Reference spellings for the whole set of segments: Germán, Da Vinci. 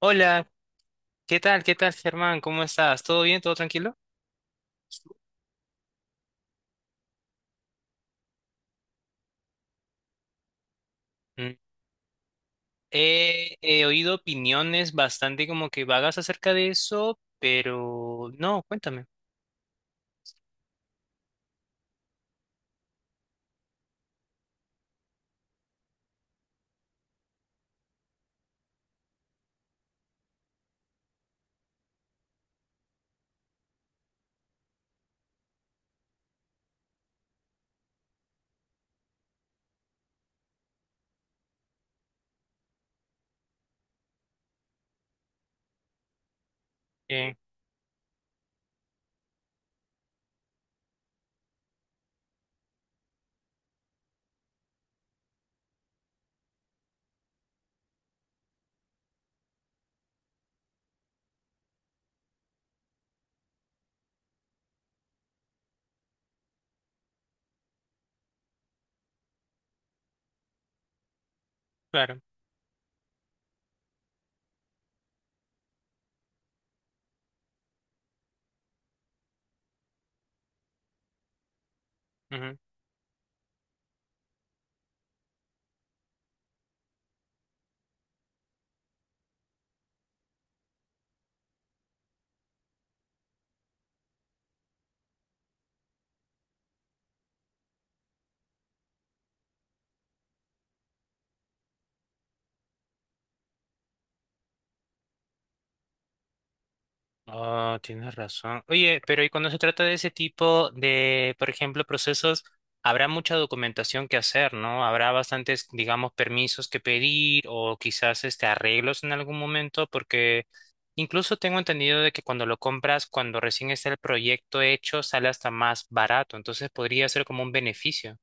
Hola, ¿qué tal? ¿Qué tal, Germán? ¿Cómo estás? ¿Todo bien? ¿Todo tranquilo? Mm. He oído opiniones bastante como que vagas acerca de eso, pero no, cuéntame. Eh, claro. Ah, tienes razón. Oye, pero y cuando se trata de ese tipo de, por ejemplo, procesos, habrá mucha documentación que hacer, ¿no? Habrá bastantes, digamos, permisos que pedir o quizás este arreglos en algún momento, porque incluso tengo entendido de que cuando lo compras, cuando recién está el proyecto hecho, sale hasta más barato, entonces podría ser como un beneficio.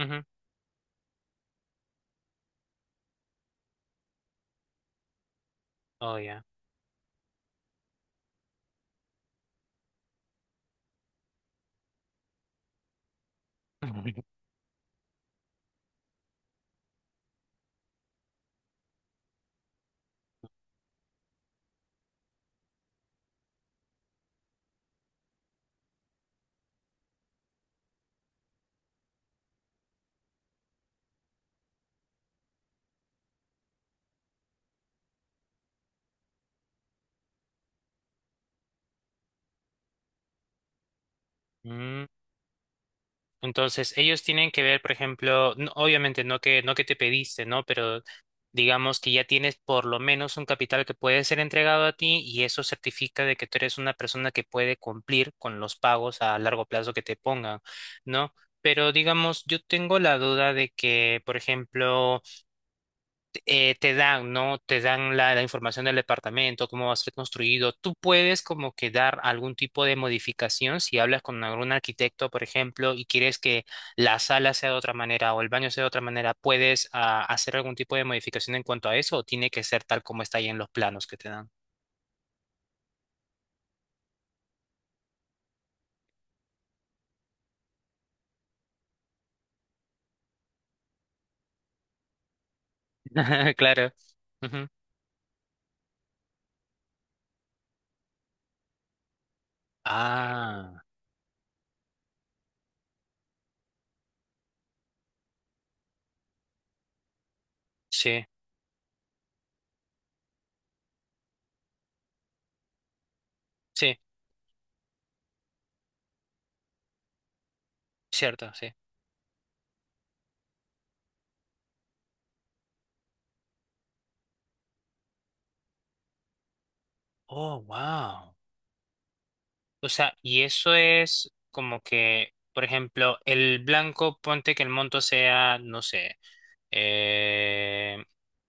Ujú. Oh, ya. Entonces, ellos tienen que ver, por ejemplo, obviamente no que te pediste, ¿no? Pero digamos que ya tienes por lo menos un capital que puede ser entregado a ti y eso certifica de que tú eres una persona que puede cumplir con los pagos a largo plazo que te pongan, ¿no? Pero digamos, yo tengo la duda de que, por ejemplo, te dan, ¿no? Te dan la información del departamento, cómo va a ser construido. Tú puedes como que dar algún tipo de modificación si hablas con algún arquitecto, por ejemplo, y quieres que la sala sea de otra manera o el baño sea de otra manera, ¿puedes hacer algún tipo de modificación en cuanto a eso o tiene que ser tal como está ahí en los planos que te dan? Claro. Ujú. Ah, sí, sí, cierto, sí. Oh, wow. O sea, y eso es como que, por ejemplo, el blanco, ponte que el monto sea, no sé, eh,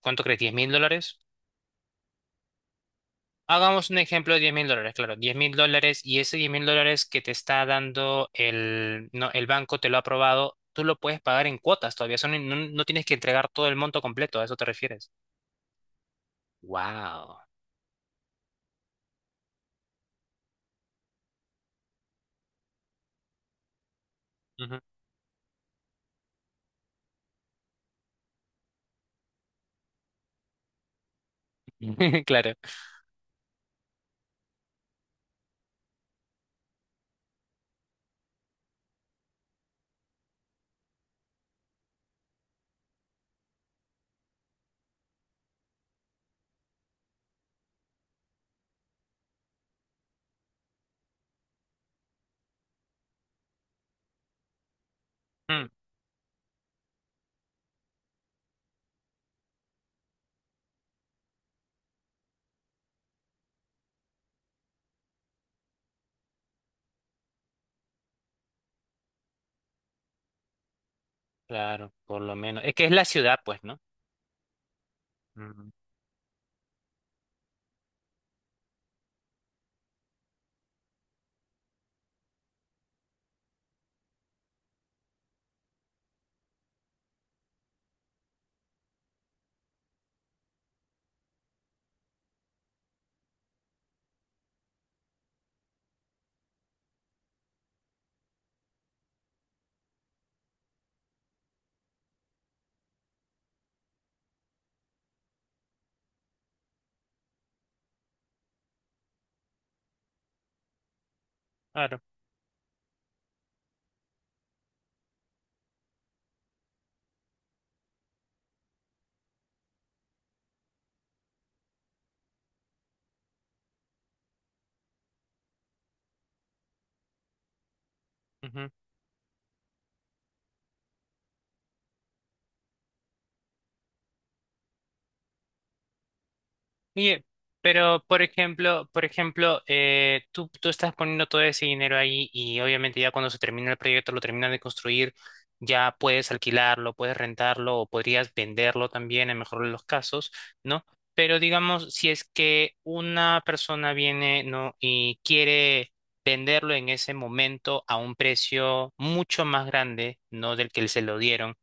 ¿cuánto crees? ¿$10.000? Hagamos un ejemplo de $10.000, claro, $10.000 y ese $10.000 que te está dando el, no, el banco, te lo ha aprobado, tú lo puedes pagar en cuotas todavía, eso no, no tienes que entregar todo el monto completo, ¿a eso te refieres? Wow. Claro. Mm, claro, por lo menos. Es que es la ciudad, pues, ¿no? Mm, claro. Oye, pero por ejemplo, tú estás poniendo todo ese dinero ahí y obviamente ya cuando se termina el proyecto, lo terminan de construir, ya puedes alquilarlo, puedes rentarlo o podrías venderlo también en mejor de los casos, ¿no? Pero digamos, si es que una persona viene, ¿no? Y quiere venderlo en ese momento a un precio mucho más grande, ¿no? Del que se lo dieron,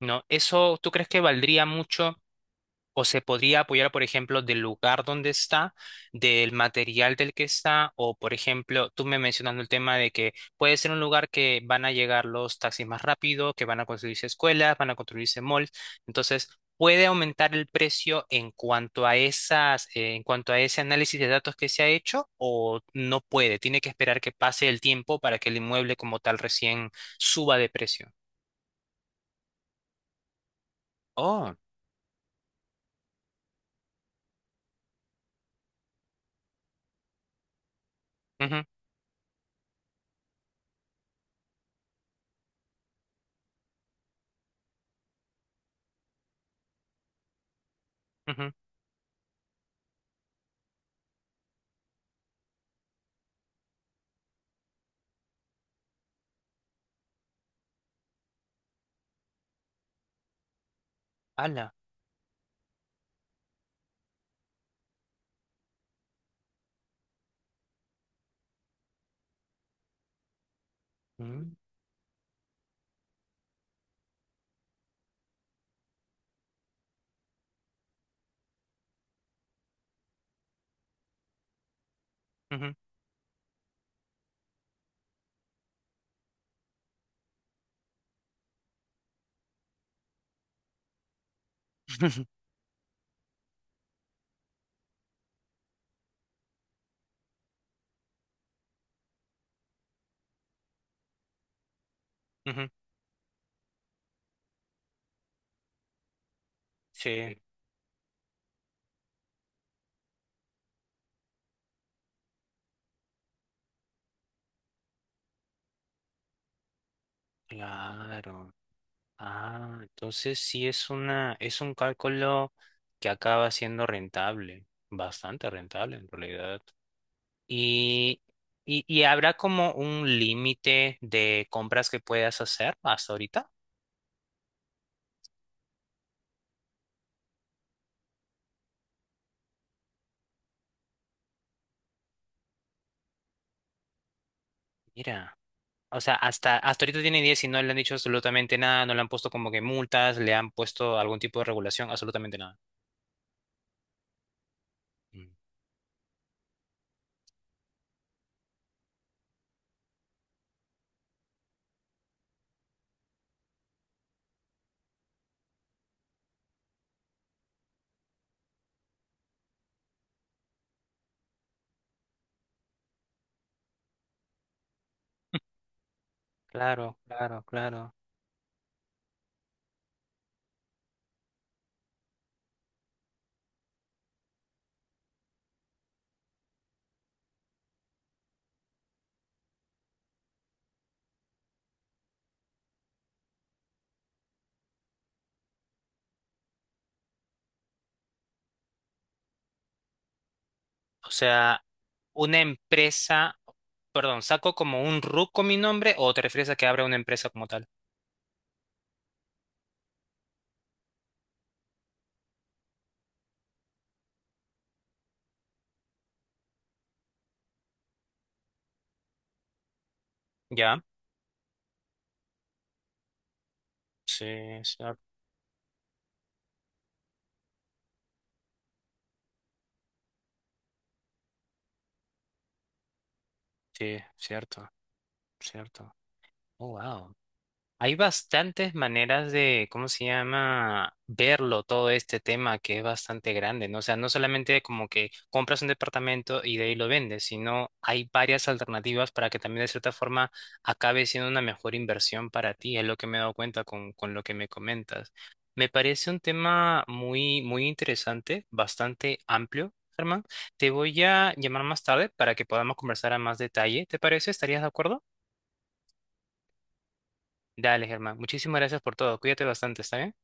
¿no? ¿Eso tú crees que valdría mucho? O se podría apoyar, por ejemplo, del lugar donde está, del material del que está, o por ejemplo, tú me mencionando el tema de que puede ser un lugar que van a llegar los taxis más rápido, que van a construirse escuelas, van a construirse malls. Entonces, puede aumentar el precio en cuanto a esas, en cuanto a ese análisis de datos que se ha hecho, o no puede, tiene que esperar que pase el tiempo para que el inmueble como tal recién suba de precio. Oh, ujú, ujú, ala, mm, ujú, ujú, sí, claro. Ah, entonces sí es una, es un cálculo que acaba siendo rentable, bastante rentable en realidad. Y, y habrá como un límite de compras que puedas hacer hasta ahorita. Mira, o sea, hasta, hasta ahorita tiene 10 y no le han dicho absolutamente nada, no le han puesto como que multas, le han puesto algún tipo de regulación, absolutamente nada. Mm. Claro, claro, claro. O sea, una empresa, perdón, ¿saco como un RUC con mi nombre o te refieres a que abra una empresa como tal? Ya. Sí, cierto, sí, cierto, cierto. Oh, wow. Hay bastantes maneras de, ¿cómo se llama?, verlo todo este tema que es bastante grande, ¿no? O sea, no solamente como que compras un departamento y de ahí lo vendes, sino hay varias alternativas para que también de cierta forma acabe siendo una mejor inversión para ti, es lo que me he dado cuenta con lo que me comentas. Me parece un tema muy, muy interesante, bastante amplio, Germán. Te voy a llamar más tarde para que podamos conversar a más detalle, ¿te parece? ¿Estarías de acuerdo? Dale, Germán. Muchísimas gracias por todo. Cuídate bastante, ¿está bien?